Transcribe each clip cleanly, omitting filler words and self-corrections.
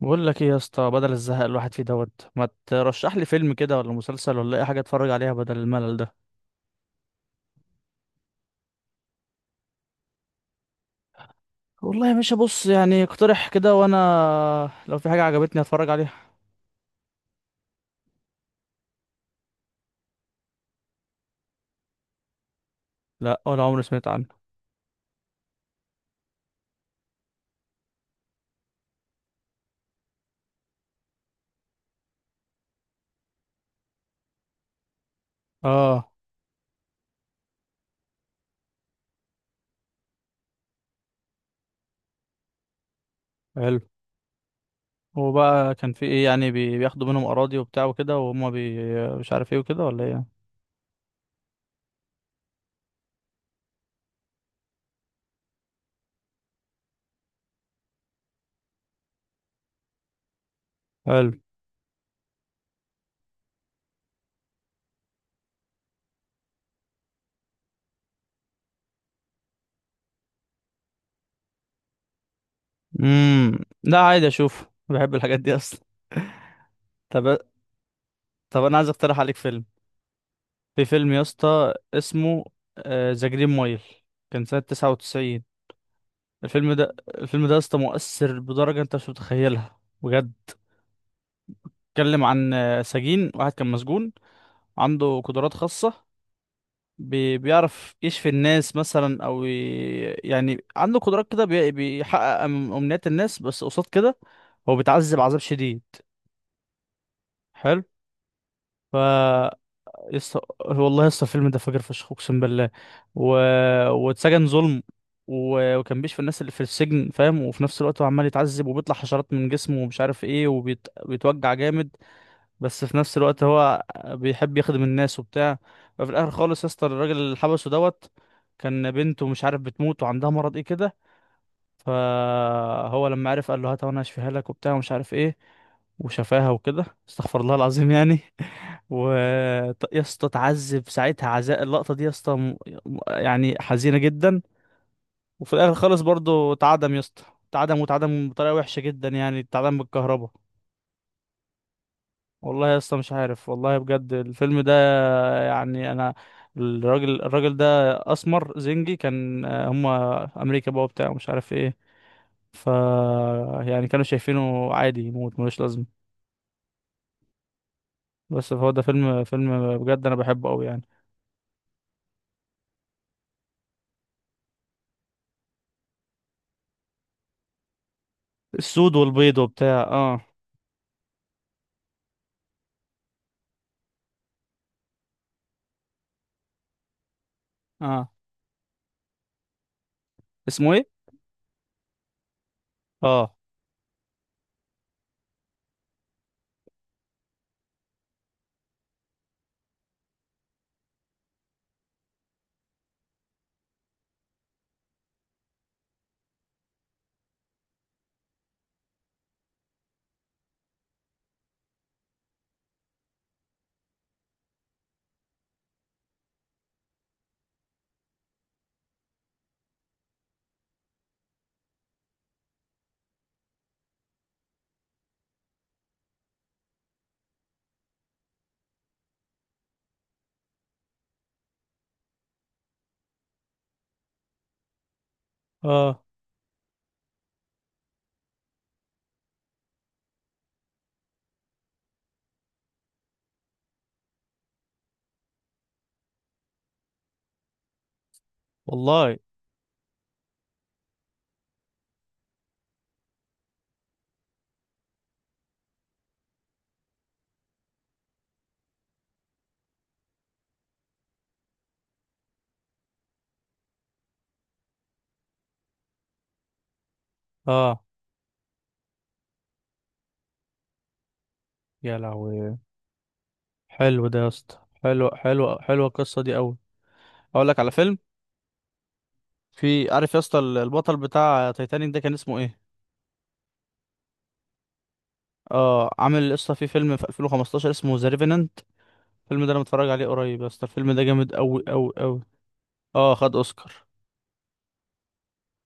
بقول لك ايه يا اسطى؟ بدل الزهق الواحد فيه دوت، ما ترشح لي فيلم كده ولا مسلسل ولا اي حاجه اتفرج عليها بدل الملل ده؟ والله يا باشا، بص يعني اقترح كده وانا لو في حاجه عجبتني اتفرج عليها. لا، ولا عمري سمعت عنه. اه، حلو. هو بقى كان في ايه يعني؟ بياخدوا منهم اراضي وبتاع وكده وهم بي مش عارف ايه وكده ولا ايه؟ حلو. لا عادي، اشوف، بحب الحاجات دي اصلا. طب، طب انا عايز اقترح عليك فيلم. في فيلم يا اسطى اسمه ذا جرين مايل، كان سنه 99. الفيلم ده الفيلم ده يا اسطى مؤثر بدرجة انت مش متخيلها بجد. اتكلم عن سجين واحد كان مسجون، عنده قدرات خاصة. بيعرف يشفي الناس مثلا، او ي... يعني عنده قدرات كده، بيحقق امنيات الناس، بس قصاد كده هو بيتعذب عذاب شديد. حلو. ف... يسطا والله يسطا، الفيلم ده فجر فشخ، اقسم بالله. و... واتسجن ظلم. و... وكان بيشفي الناس اللي في السجن فاهم، وفي نفس الوقت هو عمال يتعذب وبيطلع حشرات من جسمه ومش عارف ايه وبيتوجع جامد. بس في نفس الوقت هو بيحب يخدم الناس وبتاع. ففي الاخر خالص يسطا، الراجل اللي حبسه دوت كان بنته مش عارف بتموت وعندها مرض ايه كده. فهو لما عرف قال له هات وانا هشفيها لك وبتاع ومش عارف ايه، وشفاها وكده، استغفر الله العظيم يعني. و... يا اسطى اتعذب ساعتها عذاب، اللقطه دي يا اسطى يعني حزينه جدا. وفي الاخر خالص برضو اتعدم يا اسطى، اتعدم، واتعدم بطريقه وحشه جدا، يعني اتعدم بالكهرباء. والله يا اسطى مش عارف، والله بجد الفيلم ده، يعني انا، الراجل ده اسمر زنجي، كان هما امريكا بقى وبتاع مش عارف ايه. ف... يعني كانوا شايفينه عادي يموت ملوش لازمه. بس هو ده فيلم، فيلم بجد، انا بحبه قوي يعني. السود والبيض وبتاع، اه. اه. اسمه ايه؟ اه. اه. والله. اه. يا لهوي. حلو ده يا اسطى، حلو، حلو، حلوه القصه دي قوي. اقول لك على فيلم. في عارف يا اسطى البطل بتاع تايتانيك ده كان اسمه ايه؟ اه، عامل يا اسطى في فيلم في 2015 اسمه ذا ريفينانت. الفيلم ده انا متفرج عليه قريب يا اسطى، الفيلم ده جامد قوي قوي قوي. اه، خد اوسكار.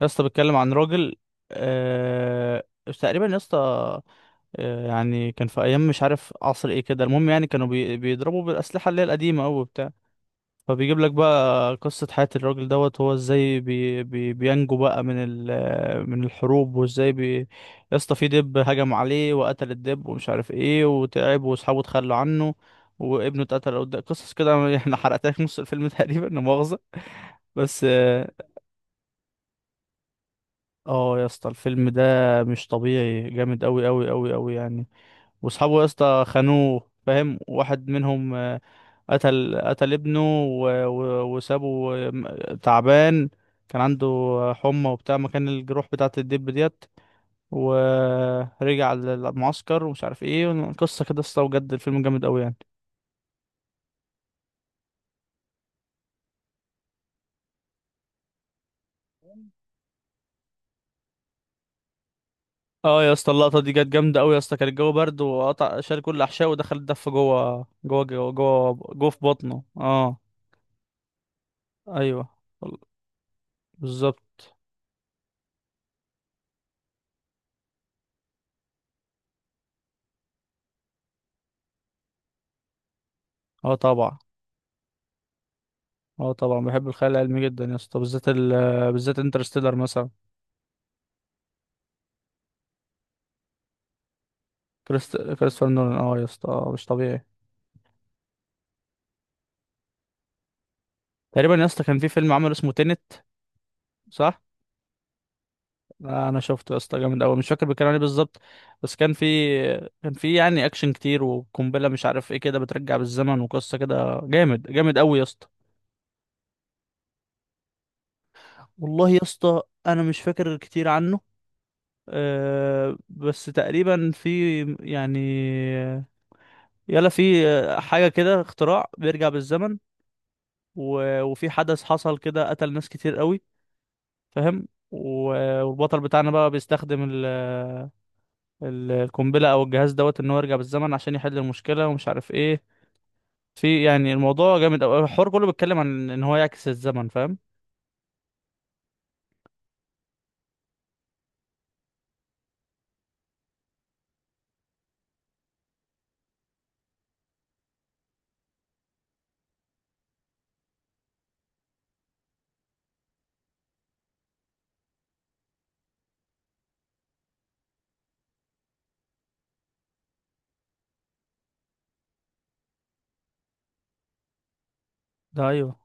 يا اسطى بيتكلم عن راجل، آه، تقريبا يا اسطى، يعني كان في ايام مش عارف عصر ايه كده، المهم يعني كانوا بيضربوا بالاسلحه اللي هي القديمه قوي. فبيجيب لك بقى قصة حياة الراجل دوت، هو ازاي بي بي بينجو بقى من ال... من الحروب، وازاي بي... يا اسطى في دب هجم عليه وقتل الدب ومش عارف ايه، وتعب واصحابه اتخلوا عنه، وابنه اتقتل قدام، قصص كده. احنا حرقتلك نص الفيلم تقريبا، لا مؤاخذة. بس اه، آه يا اسطى الفيلم ده مش طبيعي، جامد قوي قوي قوي قوي يعني. واصحابه يا اسطى خانوه فاهم، واحد منهم قتل ابنه، و... و... وسابه تعبان، كان عنده حمى وبتاع مكان الجروح بتاعة الدب ديت. ورجع للمعسكر ومش عارف ايه، قصة كده يا اسطى بجد الفيلم جامد قوي يعني. اه يا اسطى، اللقطة دي كانت جامدة قوي يا اسطى، كان الجو برد وقطع شال كل الأحشاء ودخل الدف جوه في بطنه، اه. ايوه، بالظبط. اه طبعا، اه طبعا بحب الخيال العلمي جدا يا اسطى، بالذات ال... بالذات انترستيلر مثلا. كريستوفر نولان، اه يا اسطى، مش طبيعي. تقريبا يا اسطى كان في فيلم عمله اسمه تينت، صح. انا شفته يا اسطى، جامد قوي، مش فاكر بيتكلم عن ايه بالظبط، بس كان في... كان في يعني اكشن كتير وقنبله مش عارف ايه كده، بترجع بالزمن، وقصه كده جامد، جامد قوي يا اسطى. والله يا اسطى انا مش فاكر كتير عنه. أه بس تقريبا في يعني، يلا في حاجه كده، اختراع بيرجع بالزمن، و... وفي حدث حصل كده قتل ناس كتير قوي فاهم، و- والبطل بتاعنا بقى بيستخدم ال... القنبلة أو الجهاز دوت، إن هو يرجع بالزمن عشان يحل المشكلة ومش عارف إيه. في يعني الموضوع جامد أوي، الحوار كله بيتكلم عن إن هو يعكس الزمن فاهم. ده أيوه.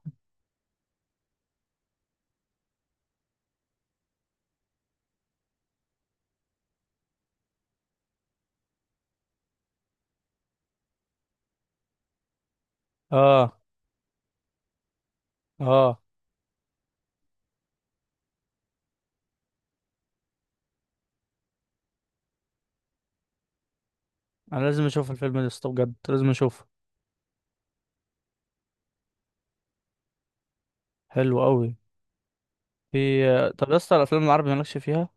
آه. آه. أنا لازم أشوف الفيلم ده يسطا بجد، لازم أشوفه. حلو أوي. في، طب يا اسطى الأفلام العربي مالكش فيها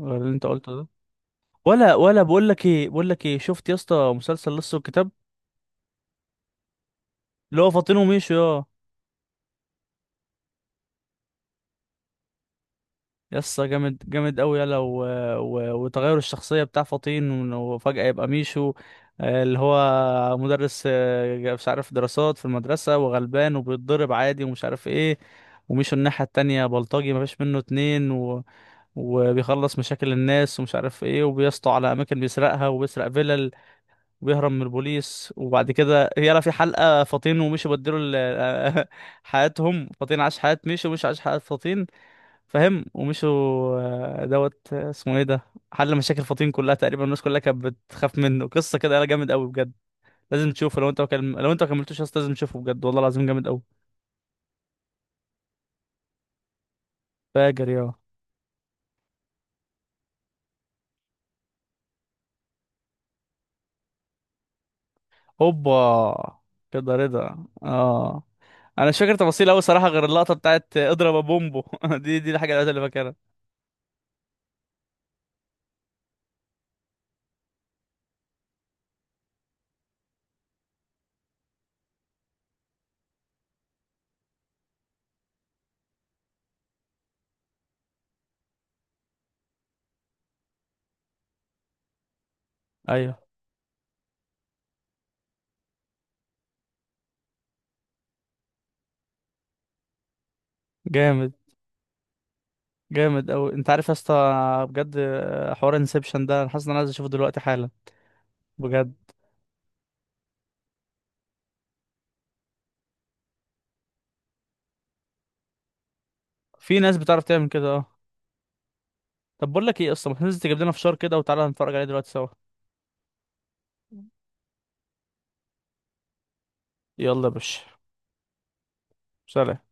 غير اللي أنت قلته ده؟ ولا بقول لك إيه، بقول لك إيه، شفت يا اسطى مسلسل لص والكتاب؟ اللي هو فاطين وميشو آه. يسا جامد، جامد قوي يلا. و... و... وتغير الشخصية بتاع فطين وفجأة يبقى ميشو، اللي هو مدرس، مش عارف دراسات في المدرسة وغلبان وبيتضرب عادي ومش عارف ايه. وميشو الناحية التانية بلطجي مفيش منه اتنين، و... وبيخلص مشاكل الناس ومش عارف ايه، وبيسطو على أماكن بيسرقها وبيسرق فيلل وبيهرب من البوليس. وبعد كده يلا في حلقة، فطين وميشو بدلوا حياتهم، فطين عاش حياة ميشو وميشو عاش حياة فطين فاهم، ومشوا. دوت، اسمه ايه ده، حل مشاكل فطين كلها تقريبا، الناس كلها كانت بتخاف منه، قصه كده، لا جامد قوي بجد. لازم تشوفه لو انت وكلم... لو انت ما كملتوش يا اسطى لازم تشوفه، بجد والله العظيم جامد قوي. فاجر يا... هوبا. كده رضا، اه. انا مش فاكر تفاصيل قوي صراحه، غير اللقطه بتاعت اضرب يا بومبو دي الحاجه الوحيده اللي فاكرها. ايوه، جامد، جامد قوي. انت عارف يا اسطى بجد، حوار انسبشن ده انا حاسس ان انا عايز اشوفه دلوقتي حالا. بجد، في ناس بتعرف تعمل كده، اه. طب بقول لك ايه، اصلا ما تنزل تجيب لنا فشار كده وتعالى نتفرج عليه دلوقتي سوا. يلا يا باشا، سلام.